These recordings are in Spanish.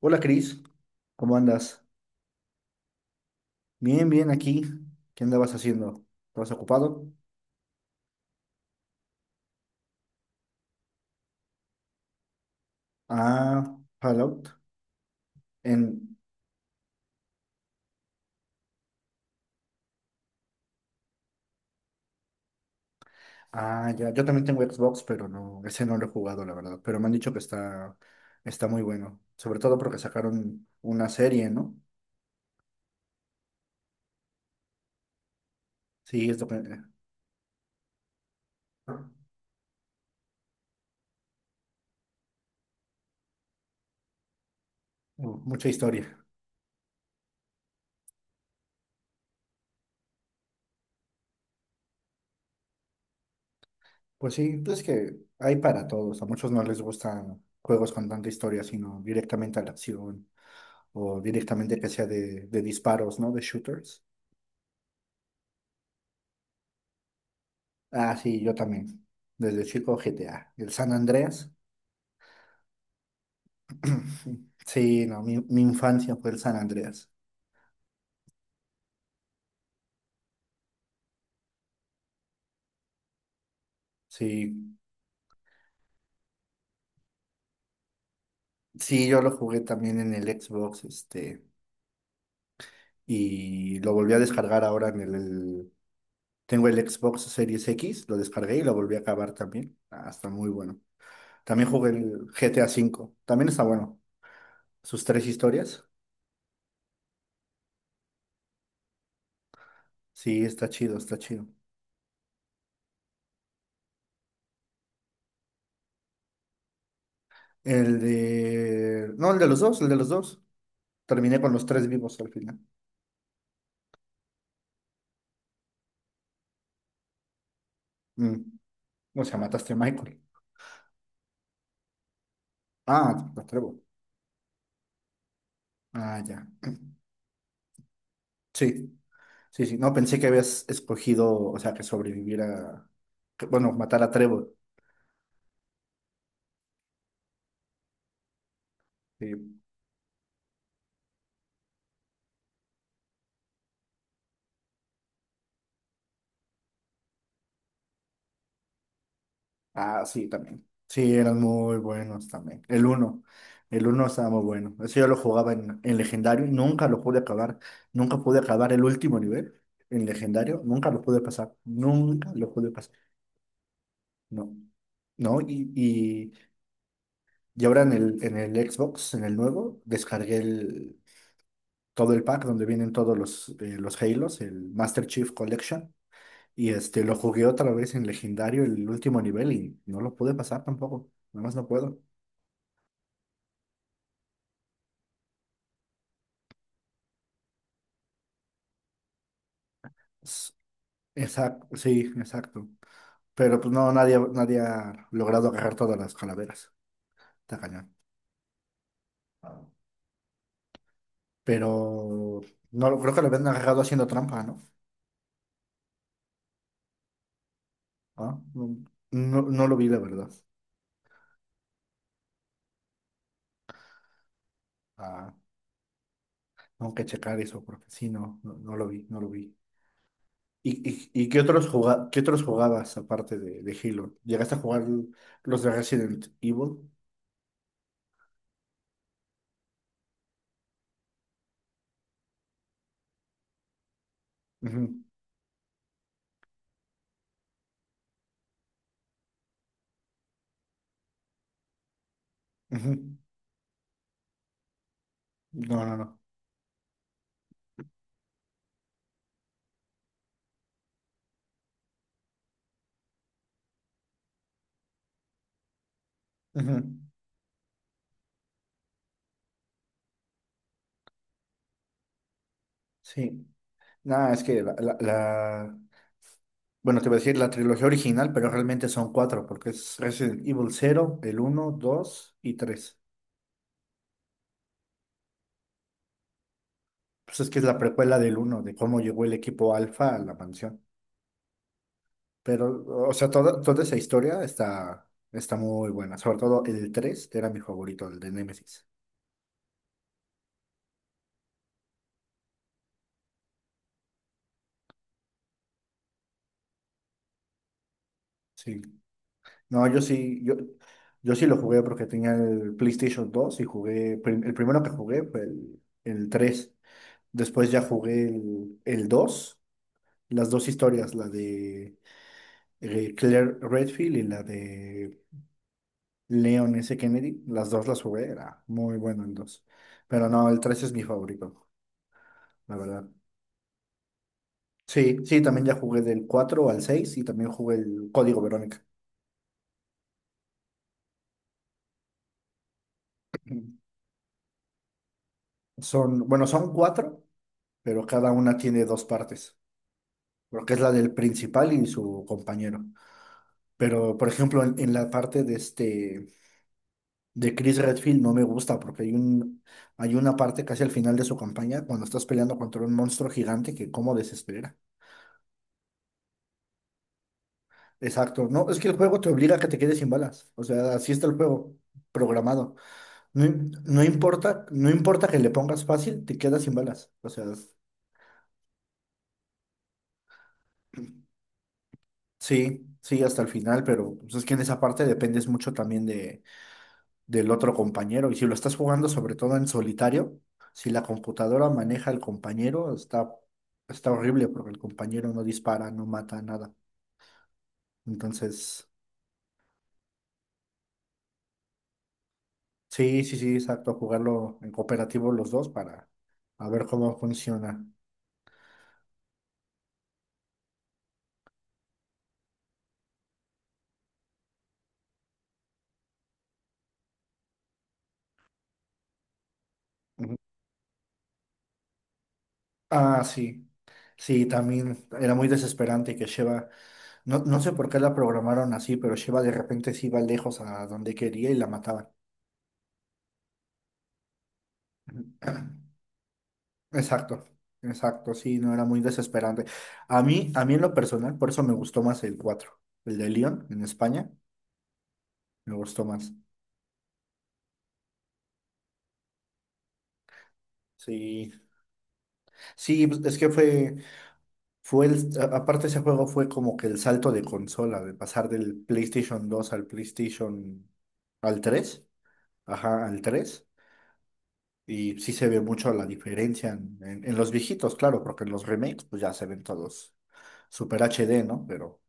Hola Cris, ¿cómo andas? Bien aquí. ¿Qué andabas haciendo? ¿Estabas ocupado? Ah, Fallout. En... Ah, ya, yo también tengo Xbox, pero no, ese no lo he jugado, la verdad. Pero me han dicho que está muy bueno. Sobre todo porque sacaron una serie, ¿no? Sí, es lo que... Mucha historia. Pues sí, pues es que hay para todos. A muchos no les gustan juegos con tanta historia, sino directamente a la acción o directamente que sea de disparos, ¿no? De shooters. Ah, sí, yo también. Desde chico GTA. El San Andreas. Sí, no, mi infancia fue el San Andreas. Sí, sí, yo lo jugué también en el Xbox, este, y lo volví a descargar ahora en el. Tengo el Xbox Series X, lo descargué y lo volví a acabar también. Ah, está muy bueno. También jugué el GTA cinco, también está bueno. Sus tres historias. Sí, está chido, está chido. El de... No, el de los dos, el de los dos. Terminé con los tres vivos al final. Mm. O sea, mataste a Michael. Ah, a Trevor. Ah, ya. Sí, sí, sí. No, pensé que habías escogido, o sea, que sobreviviera, que, bueno, matar a Trevor. Sí. Ah, sí, también. Sí, eran muy buenos también. El uno. El uno estaba muy bueno. Eso yo lo jugaba en legendario y nunca lo pude acabar. Nunca pude acabar el último nivel en legendario. Nunca lo pude pasar. Nunca lo pude pasar. No. No, y ahora en el Xbox, en el nuevo, descargué todo el pack donde vienen todos los Halos, el Master Chief Collection. Y este, lo jugué otra vez en legendario el último nivel y no lo pude pasar tampoco. Nada más no puedo. Exacto, sí, exacto. Pero pues no, nadie ha logrado agarrar todas las calaveras. Está cañón. Pero no lo- creo que lo habían agarrado haciendo trampa, ¿no? Ah, no, no lo vi, la verdad. Ah, tengo que checar eso porque sí, no lo vi, no lo vi. ¿Y qué qué otros jugabas aparte de Halo? ¿Llegaste a jugar los de Resident Evil? Ujú, ujú. No, no, no. Ujú, sí. Nada, es que la... Bueno, te iba a decir la trilogía original, pero realmente son cuatro, porque es Resident Evil cero el uno 2 y tres. Pues es que es la precuela del uno de cómo llegó el equipo Alfa a la mansión. Pero, o sea, toda esa historia está muy buena. Sobre todo el 3 era mi favorito, el de Nemesis. Sí. No, yo sí lo jugué porque tenía el PlayStation dos y jugué, el primero que jugué fue el tres. Después ya jugué el dos, las dos historias, la de Claire Redfield y la de Leon S. Kennedy. Las dos las jugué, era muy bueno el dos. Pero no, el 3 es mi favorito, la verdad. Sí, sí, también ya jugué del 4 al 6 y también jugué el Código Verónica. Son, bueno, son cuatro, pero cada una tiene dos partes, porque es la del principal y su compañero. Pero, por ejemplo, en la parte de este, de Chris Redfield no me gusta porque hay una parte casi al final de su campaña cuando estás peleando contra un monstruo gigante que cómo desespera. Exacto, no, es que el juego te obliga a que te quedes sin balas. O sea, así está el juego programado. No, no importa, no importa que le pongas fácil, te quedas sin balas. O sea, sí, sí hasta el final, pero pues, es que en esa parte dependes mucho también de del otro compañero. Y si lo estás jugando sobre todo en solitario, si la computadora maneja al compañero, está horrible porque el compañero no dispara, no mata, nada. Entonces, sí, sí, sí, exacto, jugarlo en cooperativo los dos para a ver cómo funciona. Ujú. Ah, sí. Sí, también era muy desesperante que no, no sé por qué la programaron así, pero Sheva de repente se iba lejos a donde quería y la mataban. Exacto, exacto, sí, no era muy desesperante. A mí en lo personal, por eso me gustó más el 4, el de León en España, me gustó más. Sí, sí, pues, fue el. Aparte ese juego fue como que el salto de consola, de pasar del PlayStation dos al PlayStation, al 3, ajá, al 3. Y sí se ve mucho la diferencia en los viejitos, claro, porque en los remakes pues ya se ven todos super HD, ¿no? Pero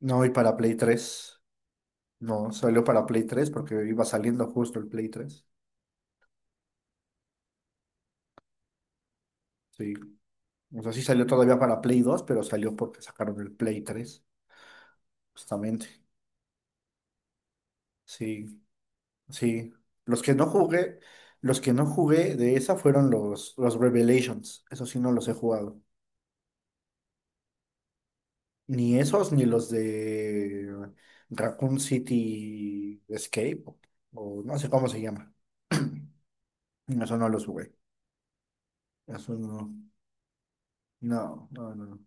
no, y para Play 3. No, salió para Play 3 porque iba saliendo justo el Play tres. Sí. O sea, sí salió todavía para Play 2, pero salió porque sacaron el Play 3 justamente. Sí, sí. Los que no jugué, los que no jugué de esa fueron los Revelations. Eso sí no los he jugado. Ni esos, ni los de Raccoon City Escape, o no sé cómo se llama. No, eso no los jugué. Eso no. No, no, no.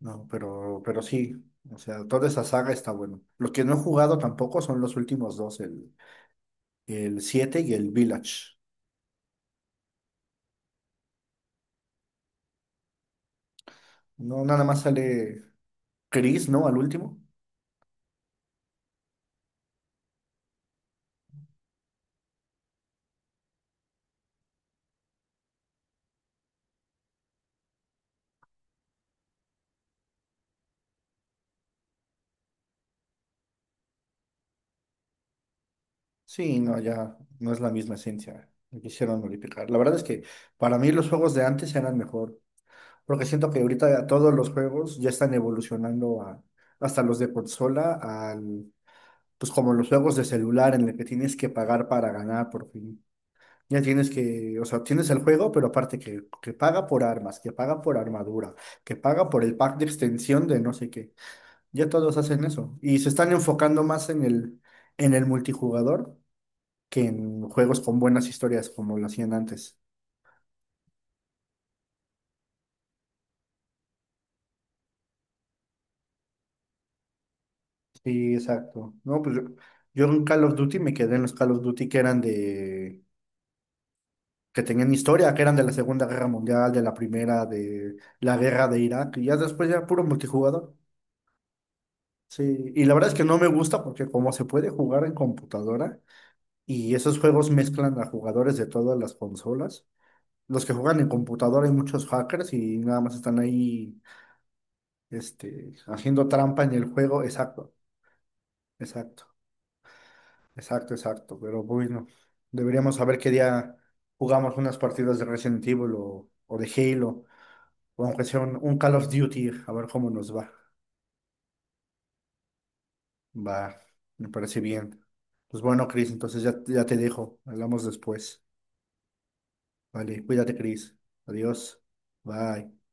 No, pero sí, o sea, toda esa saga está bueno. Los que no he jugado tampoco son los últimos dos, el 7 y el Village. No, nada más sale Chris, ¿no? Al último. Sí, no, ya no es la misma esencia. Me quisieron modificar. La verdad es que para mí los juegos de antes eran mejor, porque siento que ahorita ya todos los juegos ya están evolucionando a, hasta los de consola, al, pues como los juegos de celular en el que tienes que pagar para ganar por fin. Ya tienes que, o sea, tienes el juego, pero aparte que paga por armas, que paga por armadura, que paga por el pack de extensión de no sé qué. Ya todos hacen eso. Y se están enfocando más en en el multijugador que en juegos con buenas historias como lo hacían antes. Sí, exacto. No, yo en Call of Duty me quedé en los Call of Duty que eran de, que tenían historia, que eran de la Segunda Guerra Mundial, de la Primera, de la guerra de Irak, y ya después ya puro multijugador. Sí, y la verdad es que no me gusta porque como se puede jugar en computadora y esos juegos mezclan a jugadores de todas las consolas, los que juegan en computadora hay muchos hackers y nada más están ahí haciendo trampa en el juego. Exacto, exacto, exacto, exacto. Pero bueno, deberíamos saber qué día jugamos unas partidas de Resident Evil o de Halo, o aunque sea un Call of Duty, a ver cómo nos va. Va, me parece bien. Pues bueno, Chris, entonces ya, ya te dejo, hablamos después. Vale, cuídate, Cris. Adiós. Bye.